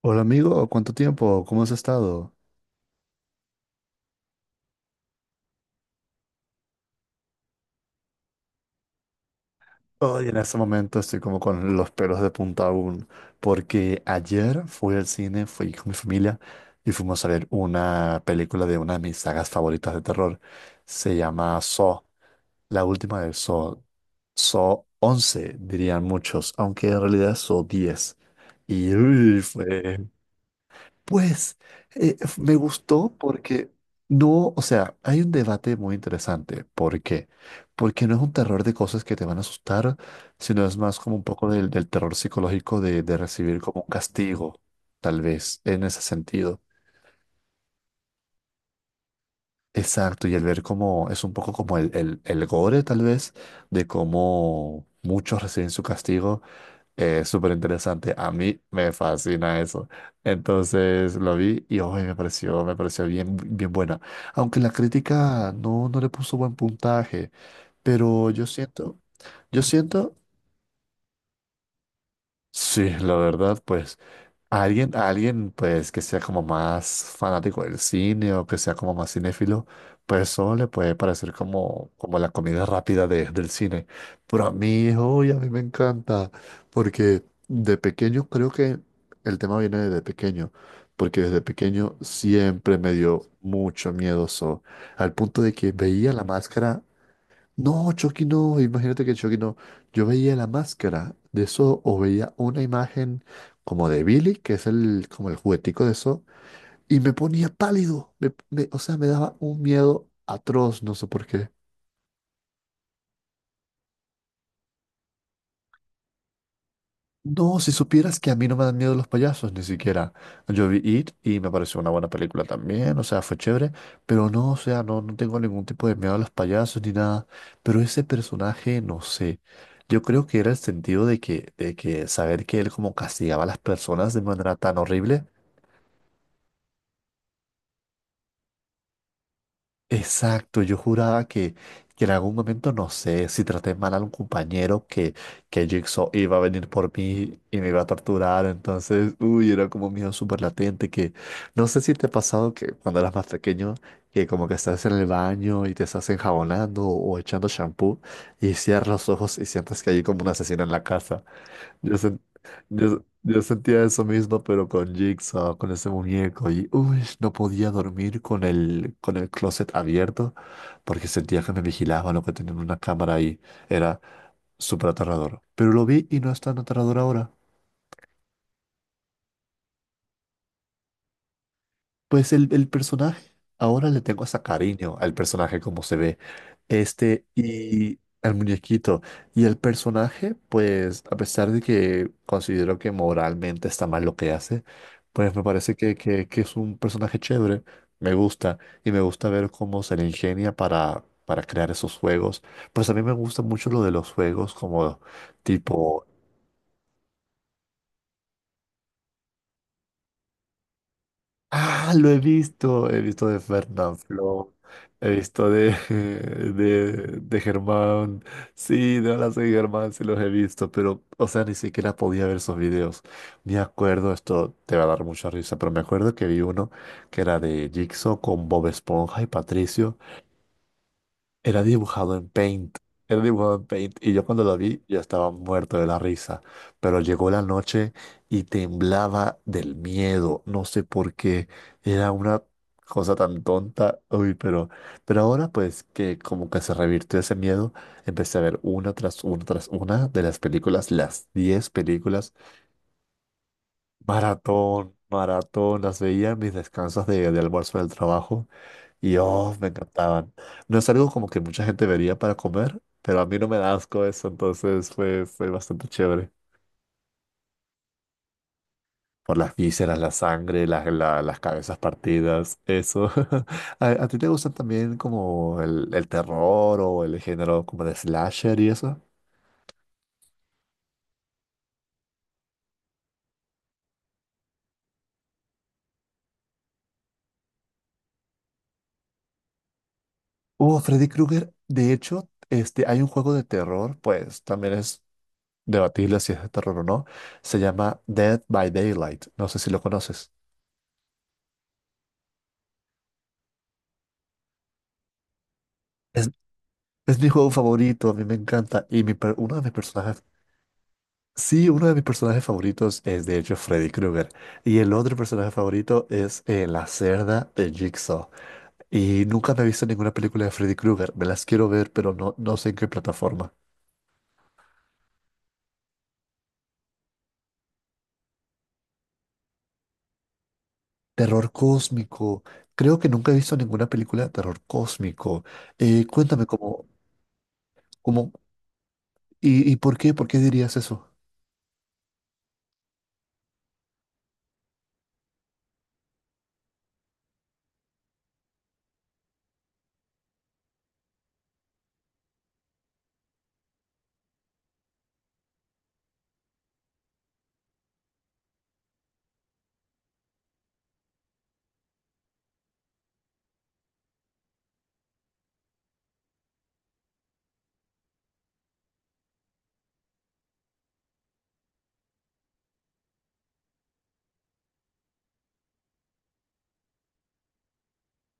Hola amigo, ¿cuánto tiempo? ¿Cómo has estado? Hoy en este momento estoy como con los pelos de punta aún, porque ayer fui al cine, fui con mi familia y fuimos a ver una película de una de mis sagas favoritas de terror. Se llama Saw, la última de Saw. Saw once dirían muchos, aunque en realidad es Saw diez. Y uy, fue Pues f- me gustó porque no. O sea, hay un debate muy interesante. ¿Por qué? Porque no es un terror de cosas que te van a asustar, sino es más como un poco del terror psicológico de recibir como un castigo, tal vez, en ese sentido. Exacto, y el ver cómo es un poco como el gore, tal vez, de cómo muchos reciben su castigo. Es súper interesante. A mí me fascina eso. Entonces lo vi y hoy me pareció bien, bien buena. Aunque la crítica no, no le puso buen puntaje. Pero yo siento, sí, la verdad, pues a alguien pues, que sea como más fanático del cine o que sea como más cinéfilo, pues eso le puede parecer como la comida rápida del cine. Pero a mí, uy, a mí me encanta, porque de pequeño creo que el tema viene desde pequeño, porque desde pequeño siempre me dio mucho miedo eso, al punto de que veía la máscara. No, Chucky no, imagínate que Chucky no. Yo veía la máscara de eso o veía una imagen como de Billy, que es como el juguetico de eso, y me ponía pálido. O sea, me daba un miedo atroz, no sé por qué. No, si supieras que a mí no me dan miedo los payasos, ni siquiera. Yo vi It y me pareció una buena película también, o sea, fue chévere, pero no, o sea, no, no tengo ningún tipo de miedo a los payasos ni nada. Pero ese personaje, no sé. Yo creo que era el sentido de que saber que él como castigaba a las personas de manera tan horrible. Exacto, yo juraba que en algún momento, no sé, si traté mal a un compañero, que Jigsaw iba a venir por mí y me iba a torturar. Entonces, uy, era como un miedo súper latente, que no sé si te ha pasado que cuando eras más pequeño, que como que estás en el baño y te estás enjabonando o echando shampoo y cierras los ojos y sientes que hay como un asesino en la casa. Yo, sen- yo sentía eso mismo, pero con Jigsaw, con ese muñeco, y uy, no podía dormir con el closet abierto porque sentía que me vigilaban o que tenían una cámara ahí. Era súper aterrador. Pero lo vi y no es tan aterrador ahora. Pues el personaje, ahora le tengo hasta cariño al personaje como se ve, este y al muñequito. Y el personaje, pues a pesar de que considero que moralmente está mal lo que hace, pues me parece que es un personaje chévere, me gusta y me gusta ver cómo se le ingenia para crear esos juegos. Pues a mí me gusta mucho lo de los juegos como tipo. Ah, lo he visto. He visto de Fernanfloo. He visto de Germán. Sí, de Hola soy Germán, sí los he visto, pero, o sea, ni siquiera podía ver esos videos. Me acuerdo, esto te va a dar mucha risa, pero me acuerdo que vi uno que era de Jigsaw con Bob Esponja y Patricio. Era dibujado en Paint. Era dibujado en Paint. Y yo cuando lo vi ya estaba muerto de la risa. Pero llegó la noche y temblaba del miedo. No sé por qué. Era una cosa tan tonta. Uy, pero ahora pues que como que se revirtió ese miedo, empecé a ver una tras una tras una de las películas, las 10 películas. Maratón, maratón. Las veía en mis descansos de almuerzo del trabajo. Y oh, me encantaban. No es algo como que mucha gente vería para comer, pero a mí no me da asco eso, entonces fue bastante chévere. Por las vísceras, la sangre, las cabezas partidas, eso. ¿A ti te gustan también como el terror o el género como de slasher y eso? Freddy Krueger, de hecho, hay un juego de terror, pues también es debatible si es de terror o no. Se llama Dead by Daylight. No sé si lo conoces. Es, Es mi juego favorito, a mí me encanta. Y uno de mis personajes, sí, uno de mis personajes favoritos es de hecho Freddy Krueger. Y el otro personaje favorito es la cerda de Jigsaw. Y nunca me he visto ninguna película de Freddy Krueger. Me las quiero ver, pero no, no sé en qué plataforma. Terror cósmico. Creo que nunca he visto ninguna película de terror cósmico. Cuéntame cómo y por qué dirías eso.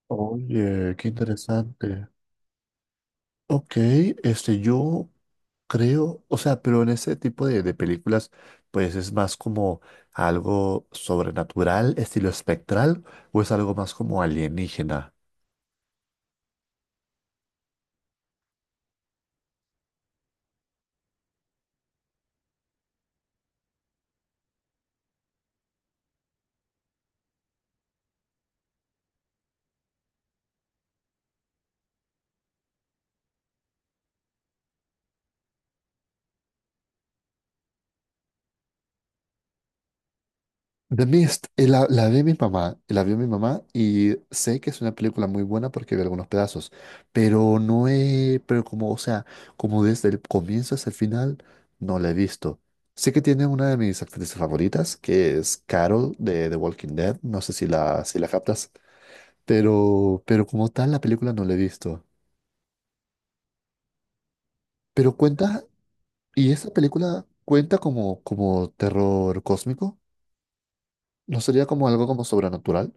Oye, qué interesante. Ok, yo creo, o sea, pero en ese tipo de películas, pues es más como algo sobrenatural, estilo espectral, o es algo más como alienígena. The Mist, la vi mi mamá, la vio mi mamá y sé que es una película muy buena porque vi algunos pedazos, pero no he, pero como, o sea, como desde el comienzo hasta el final, no la he visto. Sé que tiene una de mis actrices favoritas, que es Carol de The Walking Dead, no sé si la captas. Pero como tal, la película no la he visto. Pero cuenta, ¿y esa película cuenta como, como terror cósmico? ¿No sería como algo como sobrenatural?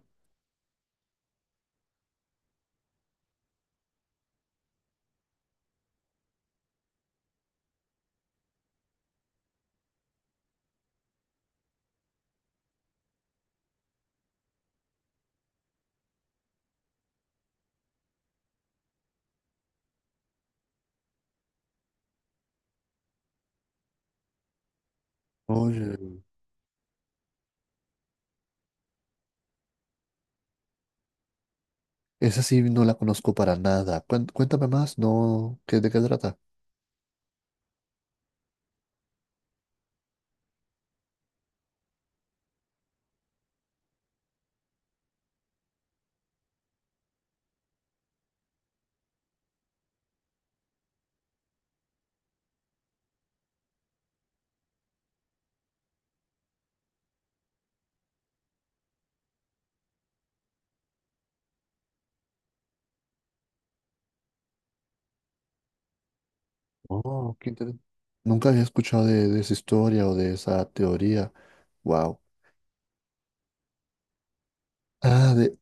Oye, esa sí no la conozco para nada. Cuéntame más, ¿no? ¿De qué trata? Oh, qué interesante. Nunca había escuchado de esa historia o de esa teoría. Wow. ah de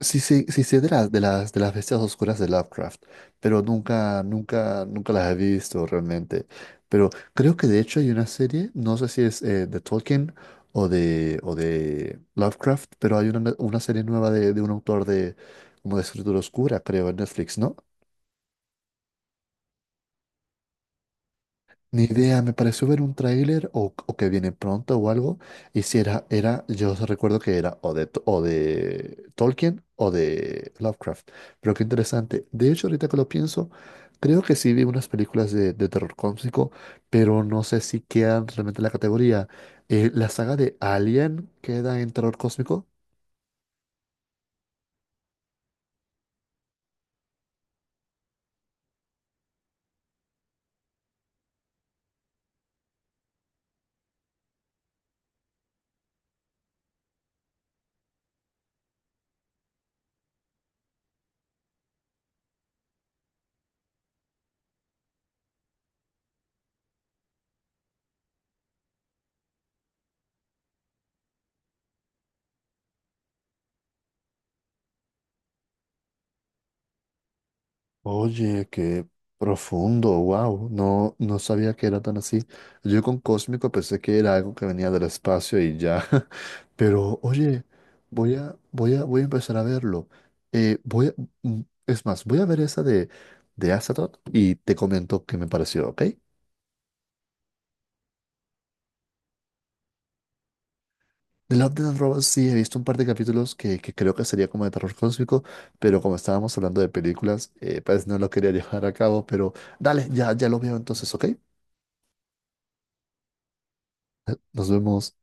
Sí, sí, sí, sé de las bestias oscuras de Lovecraft, pero nunca, nunca, nunca las he visto realmente. Pero creo que de hecho hay una serie, no sé si es de Tolkien o de Lovecraft, pero hay una serie nueva de un autor de, como de escritura oscura, creo, en Netflix, ¿no? Ni idea, me pareció ver un tráiler o que viene pronto o algo. Y si era, yo recuerdo que era o de Tolkien o de Lovecraft. Pero qué interesante. De hecho, ahorita que lo pienso, creo que sí vi unas películas de terror cósmico, pero no sé si quedan realmente en la categoría. La saga de Alien queda en terror cósmico. Oye, qué profundo, wow, no, no sabía que era tan así. Yo con Cósmico pensé que era algo que venía del espacio y ya, pero oye, voy a empezar a verlo. Eh, voy a- es más, voy a ver esa de Astaroth y te comento qué me pareció, ¿ok? The Love, Death and Robots sí he visto un par de capítulos que creo que sería como de terror cósmico, pero como estábamos hablando de películas, pues no lo quería llevar a cabo, pero dale, ya, ya lo veo entonces, ¿ok? Nos vemos.